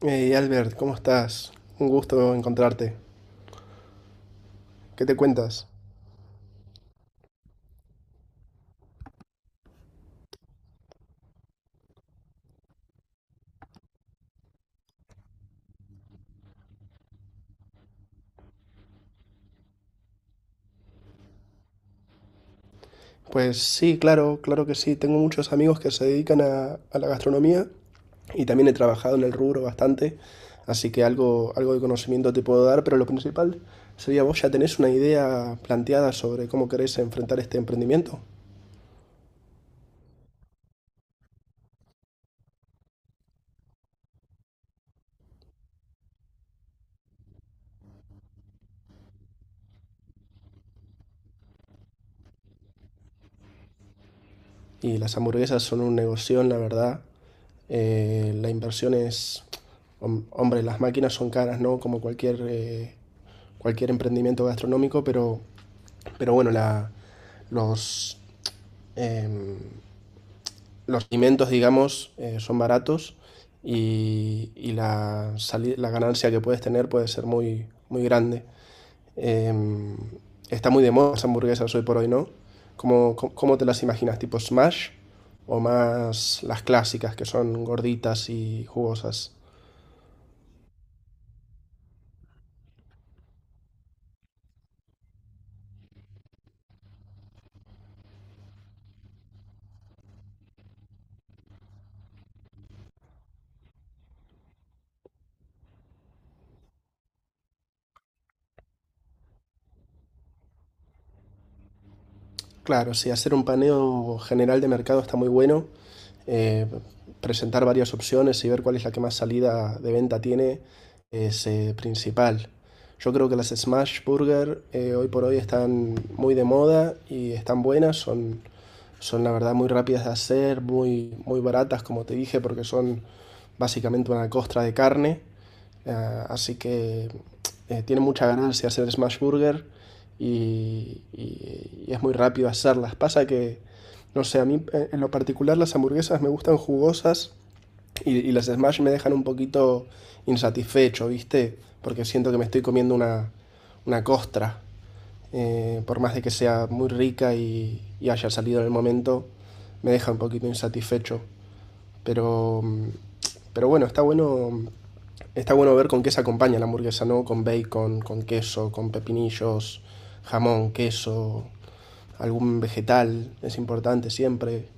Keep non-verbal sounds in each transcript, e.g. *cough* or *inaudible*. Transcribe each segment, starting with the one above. Hey Albert, ¿cómo estás? Un gusto encontrarte. ¿Qué te cuentas? Pues sí, claro, claro que sí. Tengo muchos amigos que se dedican a la gastronomía y también he trabajado en el rubro bastante, así que algo de conocimiento te puedo dar, pero lo principal sería vos ya tenés una idea planteada sobre cómo querés enfrentar este emprendimiento. Y las hamburguesas son un negocio, la verdad. La inversión es, hombre, las máquinas son caras, ¿no? Como cualquier, cualquier emprendimiento gastronómico, pero bueno, los, em, los alimentos, digamos, son baratos y la ganancia que puedes tener puede ser muy, muy grande. Eh, Está muy de moda las hamburguesas hoy por hoy, ¿no? Cómo te las imaginas? ¿Tipo smash o más las clásicas que son gorditas y jugosas? Claro, sí, hacer un paneo general de mercado está muy bueno. eh, Presentar varias opciones y ver cuál es la que más salida de venta tiene es principal. Yo creo que las Smash Burger hoy por hoy están muy de moda y están buenas, son la verdad muy rápidas de hacer, muy, muy baratas, como te dije, porque son básicamente una costra de carne. Así que tiene mucha ganancia hacer smash burger y, y es muy rápido hacerlas. Pasa que no sé, a mí en lo particular las hamburguesas me gustan jugosas y las smash me dejan un poquito insatisfecho, ¿viste? Porque siento que me estoy comiendo una costra por más de que sea muy rica y, haya salido en el momento, me deja un poquito insatisfecho. Pero, mm, pero bueno, está bueno ver con qué se acompaña la hamburguesa, ¿no? Con bacon, con queso, con pepinillos, jamón, queso, algún vegetal, es importante siempre.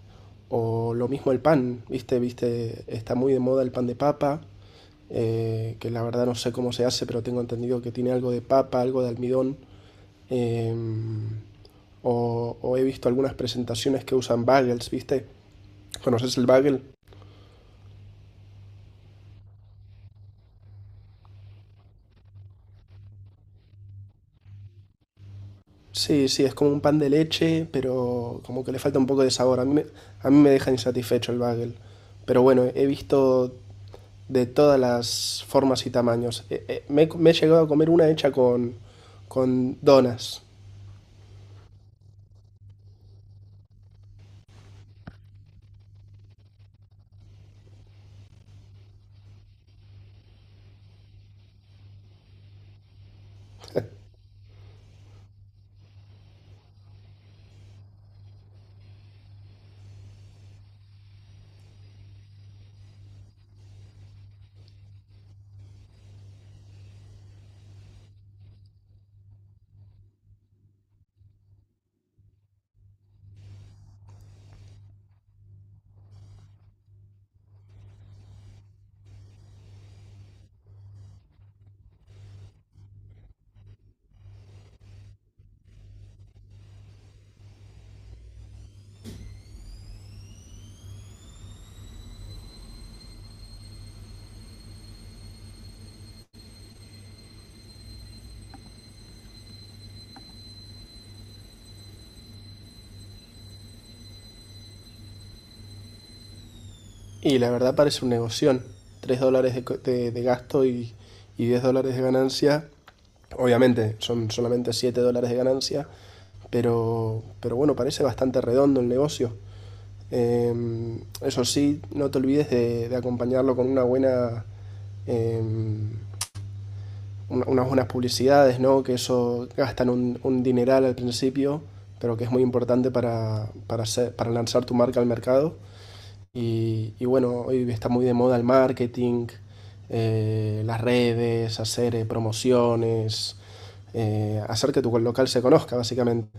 O lo mismo el pan, ¿viste? ¿Viste? Está muy de moda el pan de papa, que la verdad no sé cómo se hace, pero tengo entendido que tiene algo de papa, algo de almidón. Em, o he visto algunas presentaciones que usan bagels, ¿viste? ¿Conoces el bagel? Sí, sí, es como un pan de leche, pero como que le falta un poco de sabor. A mí me deja insatisfecho el bagel. Pero bueno, he visto de todas las formas y tamaños. Me he llegado a comer una hecha con donas. Y la verdad parece un negocio. Tres dólares de gasto y 10 dólares de ganancia. Obviamente son solamente 7 dólares de ganancia, pero bueno, parece bastante redondo el negocio. Eh, Eso sí, no te olvides de acompañarlo con una buena, eh, unas buenas publicidades, ¿no? Que eso gastan un dineral al principio, pero que es muy importante para lanzar tu marca al mercado. Y bueno, hoy está muy de moda el marketing, las redes, hacer promociones, hacer que tu local se conozca, básicamente.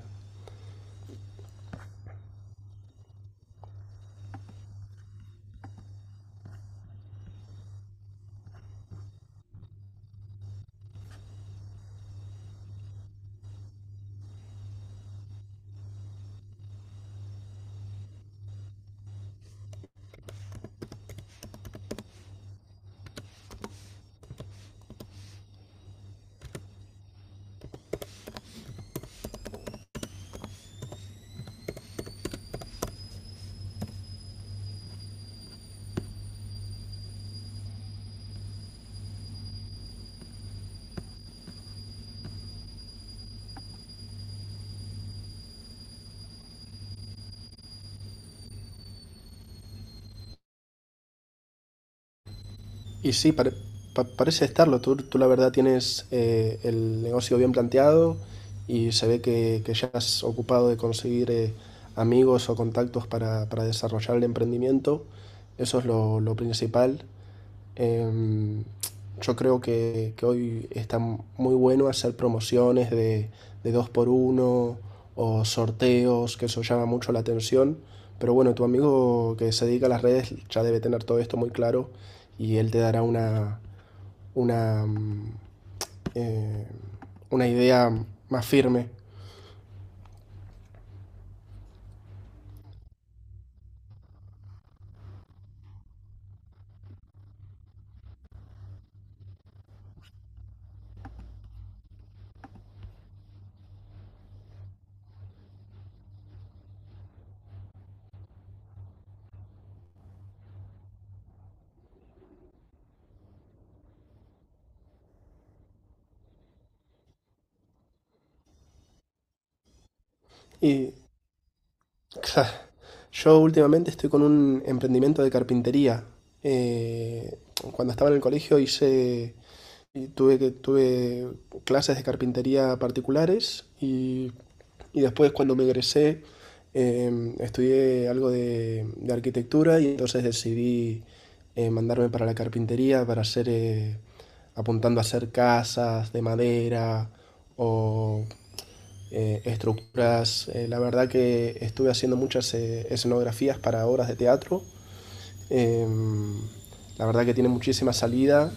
Y sí, parece estarlo. Tú, la verdad tienes el negocio bien planteado y se ve que ya has ocupado de conseguir amigos o contactos para desarrollar el emprendimiento. Eso es lo principal. Em, yo creo que hoy está muy bueno hacer promociones de dos por uno o sorteos, que eso llama mucho la atención. Pero bueno, tu amigo que se dedica a las redes ya debe tener todo esto muy claro y él te dará una, mm, eh, una idea más firme. Y *laughs* yo últimamente estoy con un emprendimiento de carpintería. Eh, Cuando estaba en el colegio hice Y tuve, que- tuve clases de carpintería particulares y después cuando me egresé estudié algo de arquitectura y entonces decidí mandarme para la carpintería para hacer, apuntando a hacer casas de madera o estructuras. La verdad que estuve haciendo muchas escenografías para obras de teatro. eh, la verdad que tiene muchísima salida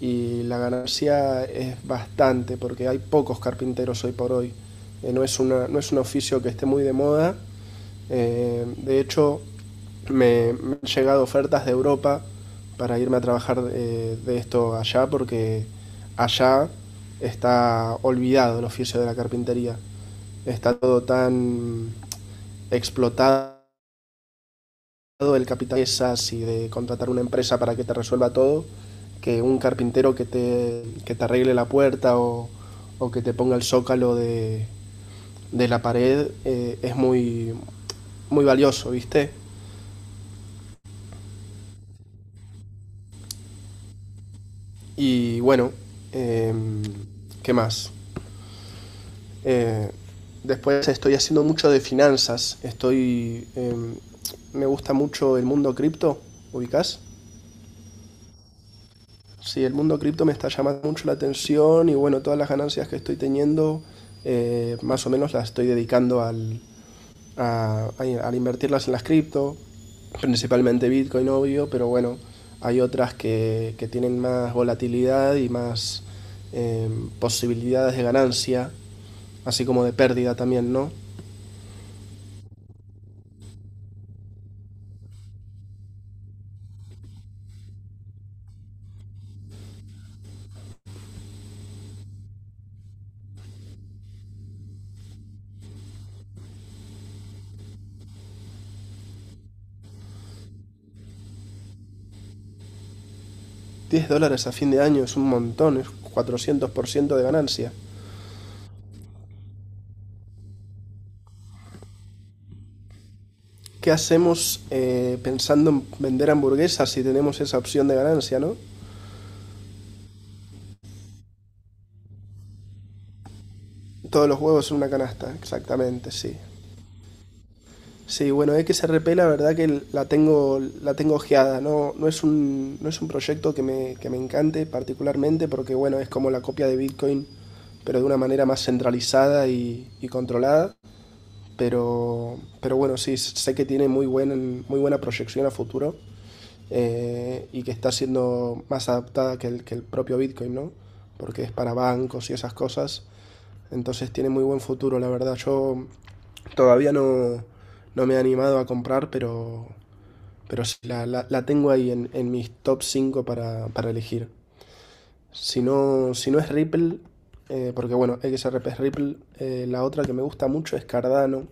y la ganancia es bastante porque hay pocos carpinteros hoy por hoy. No, es no es un oficio que esté muy de moda. De hecho, han llegado ofertas de Europa para irme a trabajar de esto allá porque allá está olvidado el oficio de la carpintería. Está todo tan explotado, el capital es así de contratar una empresa para que te resuelva todo, que un carpintero que te arregle la puerta o que te ponga el zócalo de la pared es muy, muy valioso, ¿viste? Y bueno, eh, ¿qué más? Eh, Después estoy haciendo mucho de finanzas, estoy... me gusta mucho el mundo cripto, ¿ubicás? Sí, el mundo cripto me está llamando mucho la atención y bueno, todas las ganancias que estoy teniendo, más o menos las estoy dedicando al invertirlas en las cripto, principalmente Bitcoin, obvio, pero bueno, hay otras que tienen más volatilidad y más eh, posibilidades de ganancia, así como de pérdida también, ¿no? Diez dólares a fin de año es un montón, es cuatrocientos por ciento de ganancia. ¿Qué hacemos pensando en vender hamburguesas si tenemos esa opción de ganancia, no? Todos los huevos en una canasta, exactamente, sí. Sí, bueno, XRP la verdad que la tengo ojeada, no, no, es no es un proyecto que que me encante particularmente porque bueno, es como la copia de Bitcoin, pero de una manera más centralizada y controlada. Pero bueno, sí, sé que tiene muy buena proyección a futuro y que está siendo más adaptada que el propio Bitcoin, ¿no? Porque es para bancos y esas cosas. Entonces tiene muy buen futuro, la verdad. Yo todavía no, No me he animado a comprar, pero sí, la tengo ahí en mis top 5 para elegir. Si no, si no es Ripple, porque bueno, XRP es Ripple, la otra que me gusta mucho es Cardano,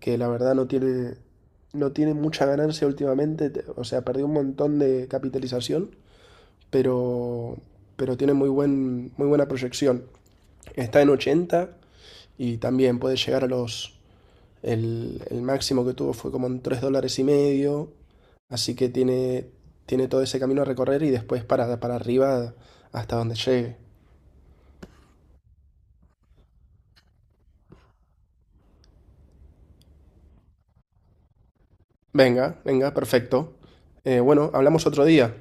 que la verdad no tiene mucha ganancia últimamente, o sea, perdió un montón de capitalización, pero, pero tiene muy buena proyección. Está en 80 y también puede llegar a los... el máximo que tuvo fue como en 3 dólares y medio, así que tiene todo ese camino a recorrer y después para arriba hasta donde llegue. Venga, venga, perfecto. Bueno, hablamos otro día.